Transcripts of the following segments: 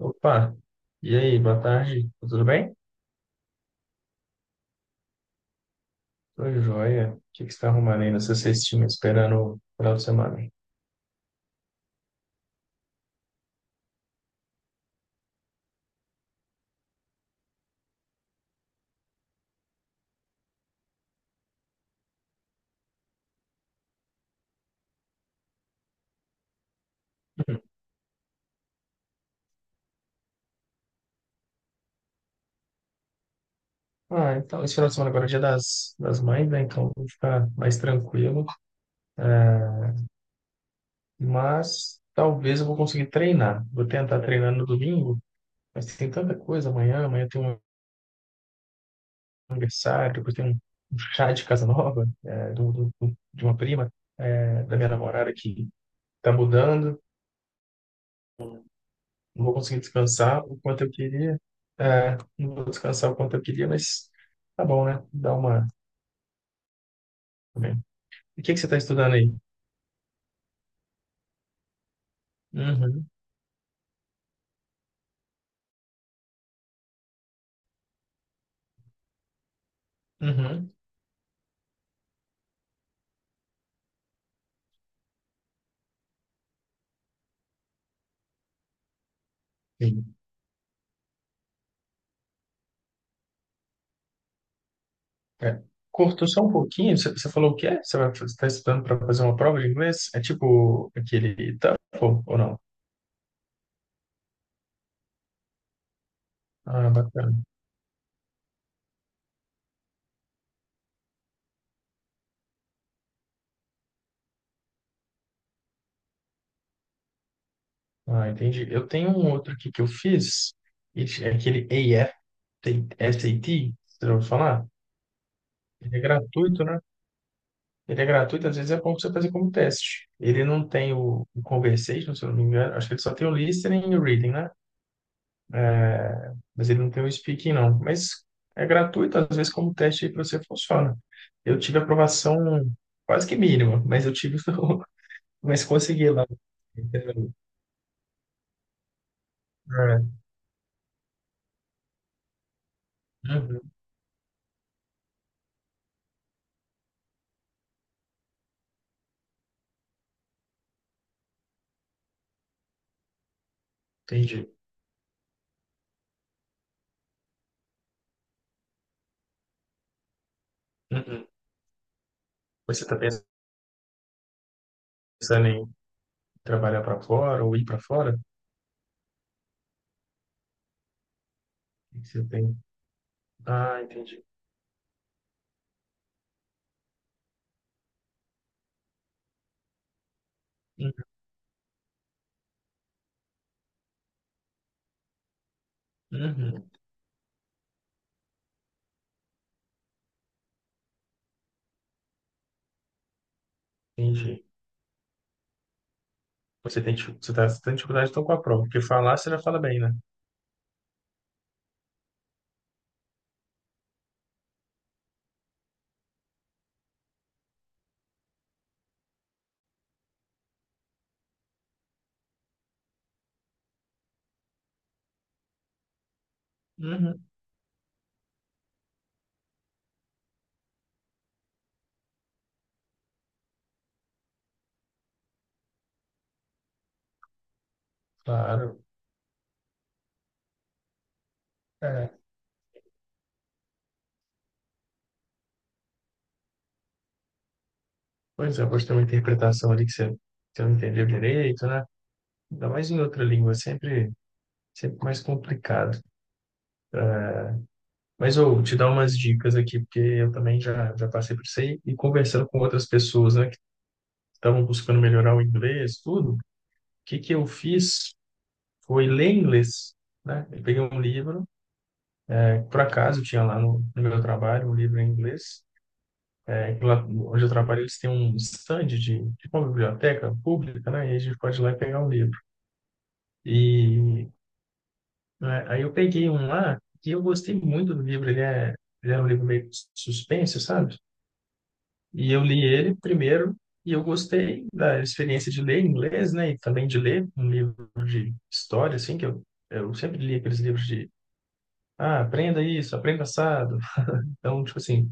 Opa, e aí, boa tarde, tudo bem? Tudo joia. O que que você está arrumando aí na sua cestinha, esperando o final de semana? Uhum. Ah, então, esse final de semana agora é dia das mães, né? Então, vou ficar mais tranquilo, mas talvez eu vou conseguir treinar. Vou tentar treinar no domingo, mas tem tanta coisa amanhã, amanhã tem um aniversário, depois tem um, um chá de casa nova, é, de uma prima, é, da minha namorada que tá mudando. Não vou conseguir descansar o quanto eu queria. É, não vou descansar o quanto eu queria, mas tá bom, né? Dá uma. Também. E o que que você está estudando aí? Uhum, uhum, sim. É. Cortou só um pouquinho, você, você falou o que é? Você está estudando para fazer uma prova de inglês? É tipo aquele TOEFL ou não? Ah, bacana. Ah, entendi. Eu tenho um outro aqui que eu fiz, e é aquele AF, SAT, você já ouviu falar? Ele é gratuito, né? Ele é gratuito, às vezes é bom pra você fazer como teste. Ele não tem o conversation, se eu não me engano. Acho que ele só tem o listening e o reading, né? Mas ele não tem o speaking, não. Mas é gratuito, às vezes como teste aí para você funciona. Eu tive aprovação quase que mínima, mas eu tive, mas consegui lá. Entendeu? É. Uhum, entendi. Uhum. Você está pensando em trabalhar para fora ou ir para fora? O que que você tem? Ah, entendi. Uhum, uhum, entendi. Você tem, dificu- você tá, você tem dificuldade então com a prova, porque falar você já fala bem, né? Uhum. Claro. É. Pois é, pode ter uma interpretação ali que você não entendeu direito, né? Ainda mais em outra língua, é sempre, sempre mais complicado. Mas eu vou te dar umas dicas aqui, porque eu também já, já passei por isso aí, e conversando com outras pessoas, né, que estavam buscando melhorar o inglês, tudo, o que que eu fiz foi ler inglês, né? Eu peguei um livro, é, por acaso tinha lá no meu trabalho um livro em inglês. É, e lá onde eu trabalho, eles têm um stand de uma biblioteca pública, né? E a gente pode ir lá e pegar um livro. E né, aí eu peguei um lá e eu gostei muito do livro. Ele é um livro meio suspense, sabe? E eu li ele primeiro e eu gostei da experiência de ler em inglês, né? E também de ler um livro de história, assim, que eu sempre li aqueles livros de, ah, aprenda isso, aprenda assado. Então, tipo assim,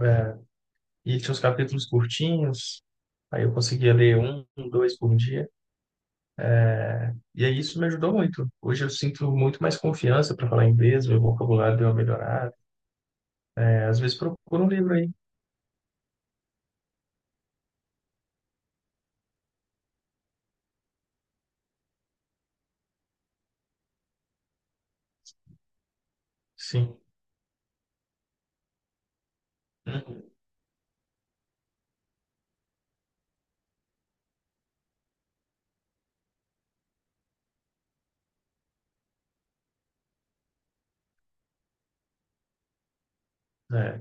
é, e tinha uns capítulos curtinhos. Aí eu conseguia ler um, dois por dia. E aí isso me ajudou muito. Hoje eu sinto muito mais confiança para falar inglês, meu vocabulário deu uma melhorada. É, às vezes procura um livro aí. Sim. Uhum. É,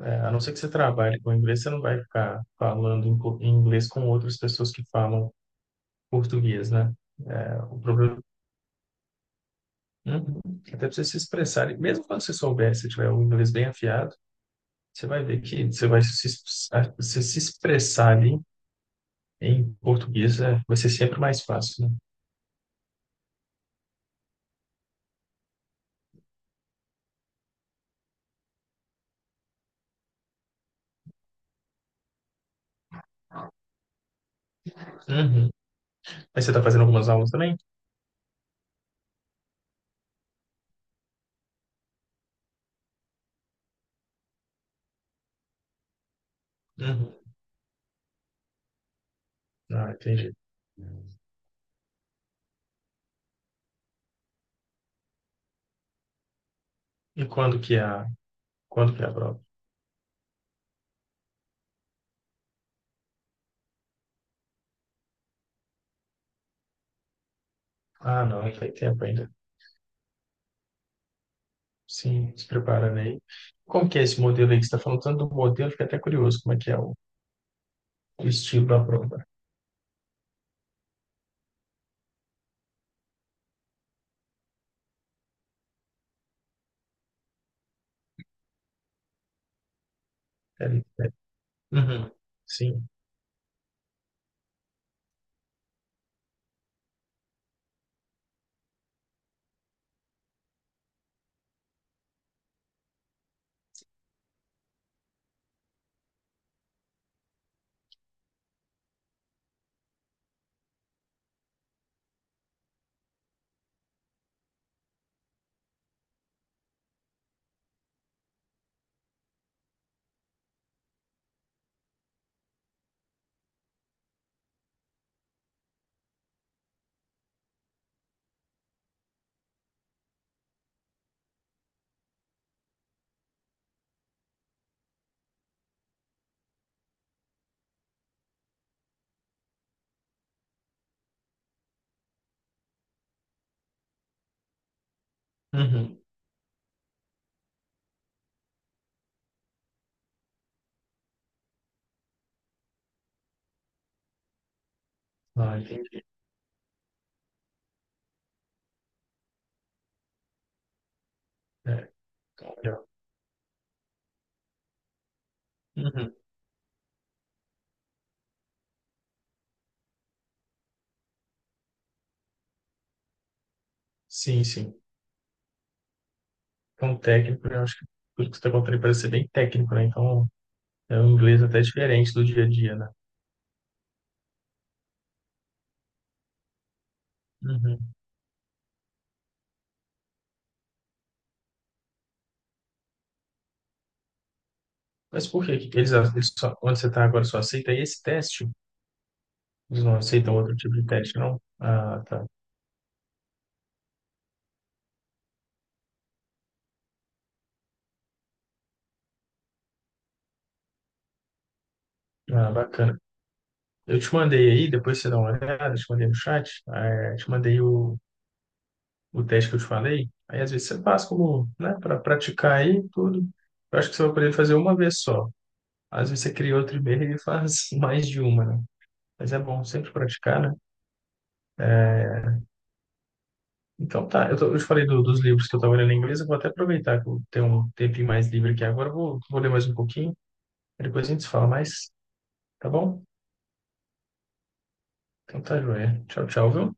a não ser que você trabalhe com inglês, você não vai ficar falando em co- em inglês com outras pessoas que falam português, né? O problema, uhum, até para você se expressar, e mesmo quando você souber, se tiver o inglês bem afiado, você vai ver que você vai se, es- a- você se expressar ali em português, é, vai ser sempre mais fácil, né? Uhum. Mas você está fazendo algumas aulas também? Uhum. Ah, entendi. E quando que é a, quando que é a prova? Ah, não, aí tem tempo ainda. Sim, se preparando aí. Como que é esse modelo aí que você está falando? Tanto do modelo, fiquei até curioso como é que é o estilo da prova. É, é. Uhum. Sim. Uhum. Ah, entendi. É, então, legal. Uhum. Sim, sim. Então, técnico, eu acho que tudo que você está contando parece ser bem técnico, né? Então, é um inglês até diferente do dia a dia, né? Uhum. Mas por que que eles só, onde você está agora só aceita esse teste? Eles não aceitam outro tipo de teste, não? Ah, tá. Ah, bacana. Eu te mandei aí, depois você dá uma olhada, te mandei no chat, eh, te mandei o teste que eu te falei. Aí às vezes você faz como, né, para praticar aí tudo. Eu acho que você vai poder fazer uma vez só. Às vezes você cria outro e-mail e faz mais de uma, né? Mas é bom sempre praticar, né? Então tá, eu, tô- eu te falei do- dos livros que eu tava lendo em inglês, eu vou até aproveitar que eu tenho um tempinho mais livre aqui agora, eu vou, vou ler mais um pouquinho, aí depois a gente se fala mais, tá bom? Então tá, joia. Tchau, tchau, viu?